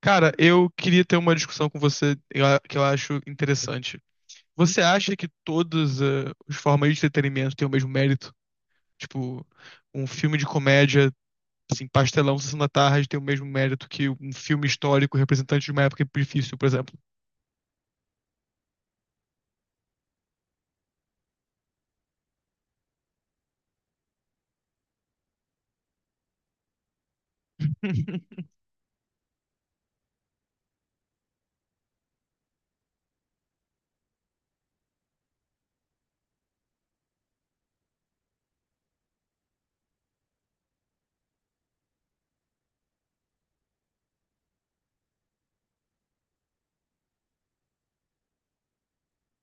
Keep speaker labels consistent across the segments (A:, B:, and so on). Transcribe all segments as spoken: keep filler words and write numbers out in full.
A: Cara, eu queria ter uma discussão com você eu a- que eu acho interessante. Você acha que todas eh, as formas de entretenimento têm o mesmo mérito? Tipo, um filme de comédia, assim, pastelão, Sessão da Tarde, tem o mesmo mérito que um filme histórico representante de uma época difícil, por exemplo?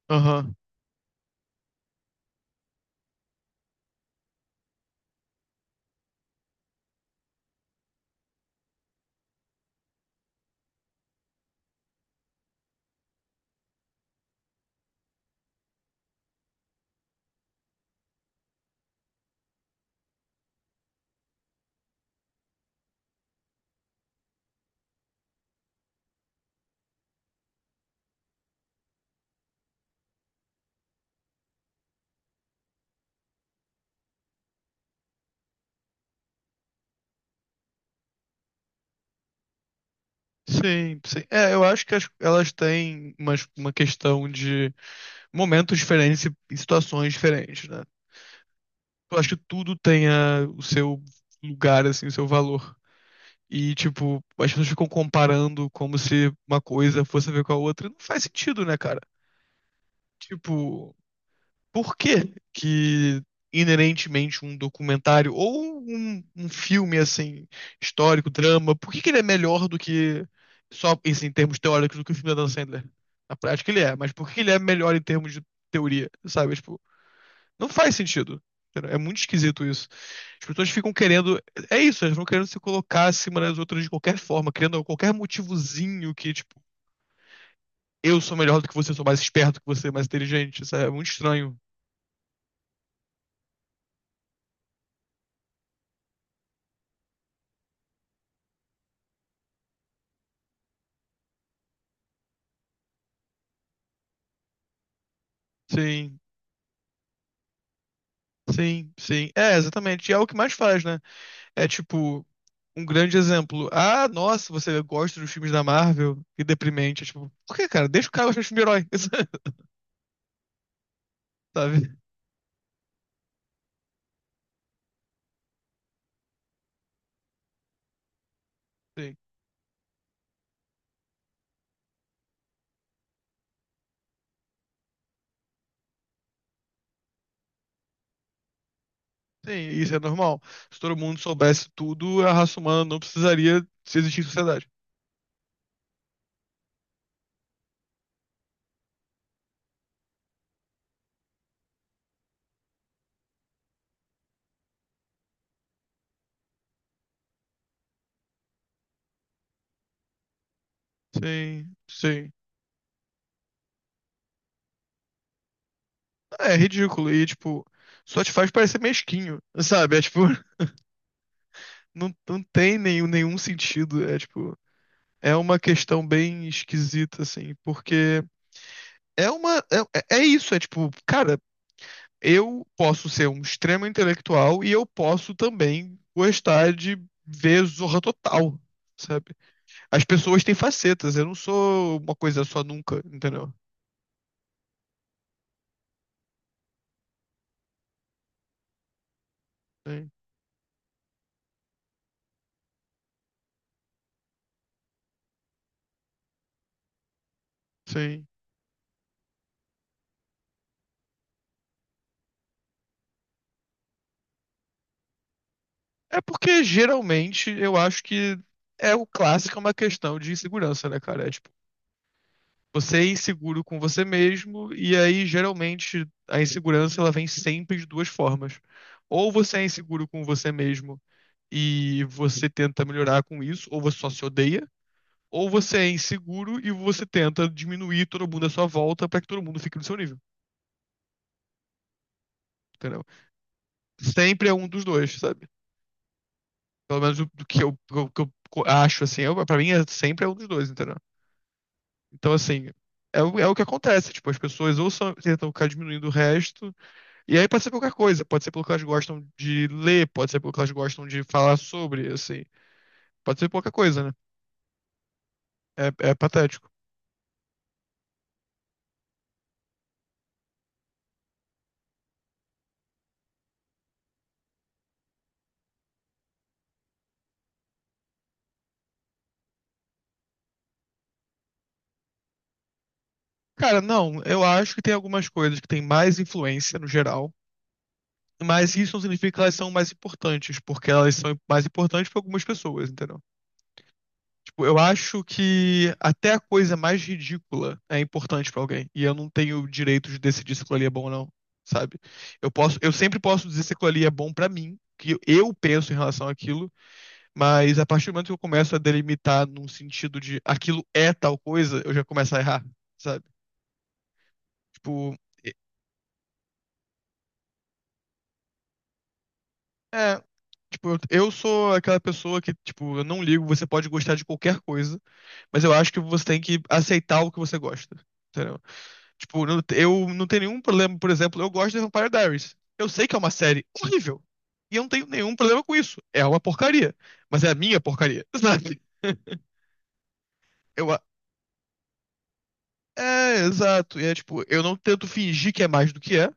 A: Aham. Sim, sim. É, eu acho que as- elas têm umas- uma questão de momentos diferentes e situações diferentes, né? Eu acho que tudo tenha o seu lugar, assim, o seu valor. E, tipo, as pessoas ficam comparando como se uma coisa fosse a ver com a outra. Não faz sentido, né, cara? Tipo, por que que inerentemente um documentário ou um, um filme, assim, histórico, drama, por que que ele é melhor do que, só isso em termos teóricos, do que o filme da Dan Sandler? Na prática ele é, mas por que ele é melhor em termos de teoria, sabe? Tipo, não faz sentido, entendeu? É muito esquisito isso. As pessoas ficam querendo. É isso, elas vão querendo se colocar acima das outras de qualquer forma, criando qualquer motivozinho que, tipo, eu sou melhor do que você, sou mais esperto que você, mais inteligente. Isso é muito estranho. Sim, sim, sim. É, exatamente. E é o que mais faz, né? É tipo. Um grande exemplo. Ah, nossa, você gosta dos filmes da Marvel? Que deprimente. É, tipo, por que, cara? Deixa o cara gostar de filme de herói. Sabe? Sim. Sim, isso é normal. Se todo mundo soubesse tudo, a raça humana não precisaria se existir em sociedade. Sim, sim. É ridículo. E, tipo, só te faz parecer mesquinho, sabe? É, tipo, não, não tem nenhum, nenhum sentido. É, tipo, é uma questão bem esquisita, assim, porque é uma. É, é é isso, é tipo, cara, eu posso ser um extremo intelectual e eu posso também gostar de ver Zorra Total, sabe? As pessoas têm facetas, eu não sou uma coisa só nunca, entendeu? Sim, sim. É porque geralmente eu acho que é o clássico, é uma questão de insegurança, né, cara? É tipo, você é inseguro com você mesmo, e aí geralmente a insegurança ela vem sempre de duas formas. Ou você é inseguro com você mesmo e você tenta melhorar com isso, ou você só se odeia, ou você é inseguro e você tenta diminuir todo mundo à sua volta pra que todo mundo fique no seu nível, entendeu? Sempre é um dos dois, sabe? Pelo menos o, do que eu, o que eu acho, assim, eu, pra mim é sempre é um dos dois, entendeu? Então, assim, é, o- é o que acontece. Tipo, as pessoas ou são, tentam ficar diminuindo o resto, e aí pode ser qualquer coisa. Pode ser pelo que elas gostam de ler, pode ser pelo que elas gostam de falar sobre, assim. Pode ser qualquer coisa, né? É, é patético. Cara, não, eu acho que tem algumas coisas que têm mais influência no geral, mas isso não significa que elas são mais importantes, porque elas são mais importantes para algumas pessoas, entendeu? Tipo, eu acho que até a coisa mais ridícula é importante pra alguém. E eu não tenho o direito de decidir se aquilo ali é bom ou não, sabe? Eu posso, eu sempre posso dizer se aquilo ali é bom pra mim, que eu penso em relação àquilo, mas a partir do momento que eu começo a delimitar num sentido de aquilo é tal coisa, eu já começo a errar, sabe? Tipo, é, tipo, eu eu sou aquela pessoa que, tipo, eu não ligo, você pode gostar de qualquer coisa, mas eu acho que você tem que aceitar o que você gosta, entendeu? Tipo, não- eu não tenho nenhum problema, por exemplo, eu gosto de Vampire Diaries. Eu sei que é uma série horrível. E eu não tenho nenhum problema com isso. É uma porcaria. Mas é a minha porcaria, sabe? Eu, a- é, exato. E é tipo, eu não tento fingir que é mais do que é,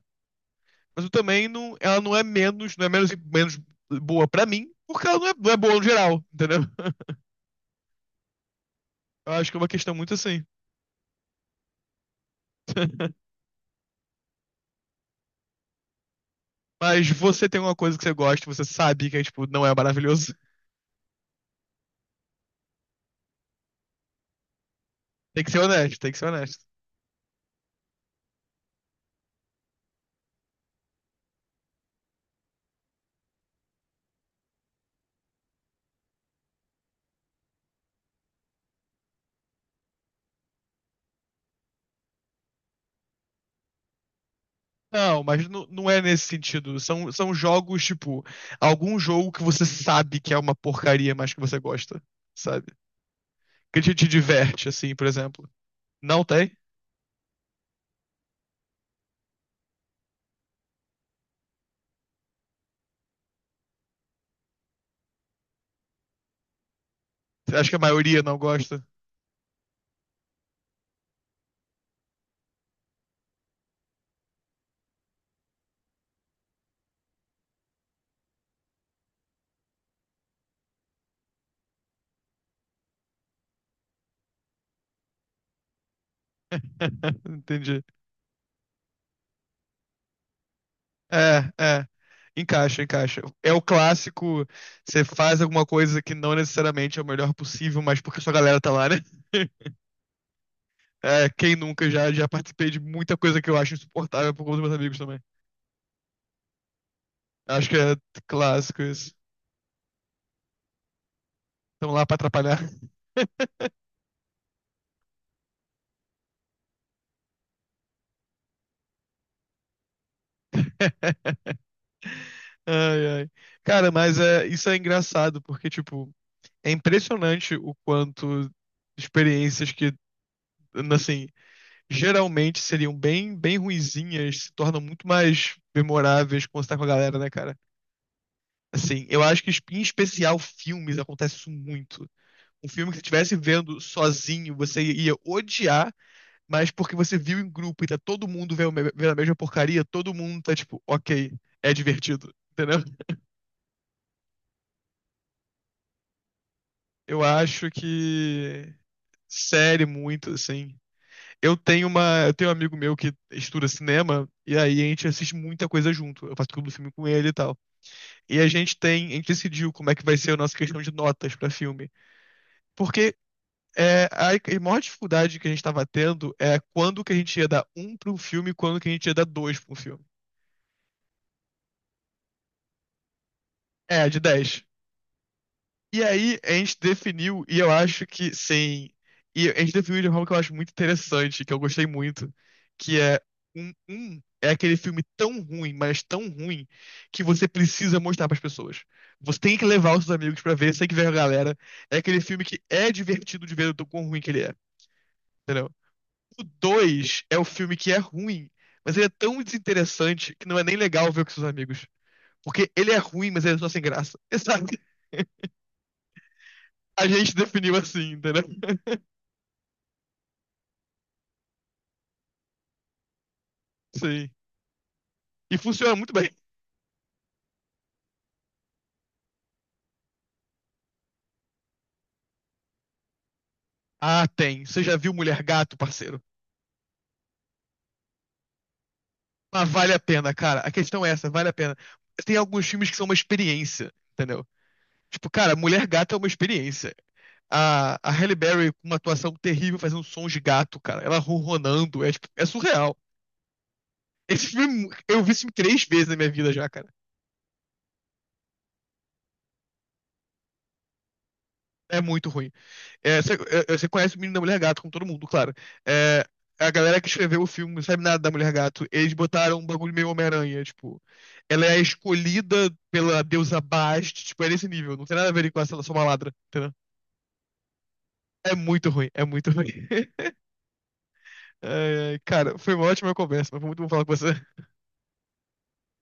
A: mas eu também não, ela não é menos, não é menos, menos boa pra mim, porque ela não é, não é boa no geral, entendeu? Eu acho que é uma questão muito assim. Mas você tem uma coisa que você gosta, você sabe que é, tipo, não é maravilhoso. Tem que ser honesto, tem que ser honesto. Não, mas nu- não é nesse sentido. São, são jogos, tipo, algum jogo que você sabe que é uma porcaria, mas que você gosta, sabe? Que te, te diverte, assim, por exemplo. Não tem? Acho que a maioria não gosta. Entendi. É, é. Encaixa, encaixa. É o clássico, você faz alguma coisa que não necessariamente é o melhor possível, mas porque sua galera tá lá, né? É, quem nunca já, já participei de muita coisa que eu acho insuportável por conta dos meus amigos também. Acho que é clássico isso. Estão lá pra atrapalhar. Ai, ai. Cara, mas é, isso é engraçado, porque, tipo, é impressionante o quanto experiências que, assim, geralmente seriam bem, bem ruinzinhas se tornam muito mais memoráveis quando você tá com a galera, né, cara? Assim, eu acho que, em especial, filmes acontece isso muito. Um filme que você estivesse vendo sozinho, você ia odiar, mas porque você viu em grupo e tá todo mundo vendo vendo a mesma porcaria, todo mundo tá tipo, ok, é divertido, entendeu? Eu acho que série muito, assim. Eu tenho uma, eu tenho um amigo meu que estuda cinema e aí a gente assiste muita coisa junto. Eu faço clube do filme com ele e tal. E a gente tem, a gente decidiu como é que vai ser a nossa questão de notas pra filme, porque é, a a maior dificuldade que a gente tava tendo é quando que a gente ia dar um pra um filme e quando que a gente ia dar dois pra um filme. É, de dez. E aí a gente definiu, e eu acho que sim. E a gente definiu de uma forma que eu acho muito interessante, que eu gostei muito, que é um, um é aquele filme tão ruim, mas tão ruim, que você precisa mostrar pras pessoas. Você tem que levar os seus amigos pra ver, você tem que ver a galera. É aquele filme que é divertido de ver o quão ruim que ele é, entendeu? O dois é o filme que é ruim, mas ele é tão desinteressante que não é nem legal ver com seus amigos. Porque ele é ruim, mas ele é só sem graça. Sabe? A gente definiu assim, entendeu? Sim. E funciona muito bem. Ah, tem. Você já viu Mulher Gato, parceiro? Mas vale a pena, cara. A questão é essa, vale a pena. Tem alguns filmes que são uma experiência, entendeu? Tipo, cara, Mulher Gato é uma experiência. A, a Halle Berry com uma atuação terrível fazendo sons de gato, cara. Ela ronronando, é, tipo, é surreal. Esse filme, eu vi esse filme três vezes na minha vida já, cara. É muito ruim. É, você, é, você conhece o menino da Mulher Gato, como todo mundo, claro. É, a galera que escreveu o filme não sabe nada da Mulher Gato. Eles botaram um bagulho meio Homem-Aranha, tipo. Ela é escolhida pela deusa Bast, tipo, é nesse nível. Não tem nada a ver com ela ser só uma ladra, entendeu? É muito ruim, é muito ruim. Ai, ai, cara, foi uma ótima conversa, mas foi muito bom falar com você.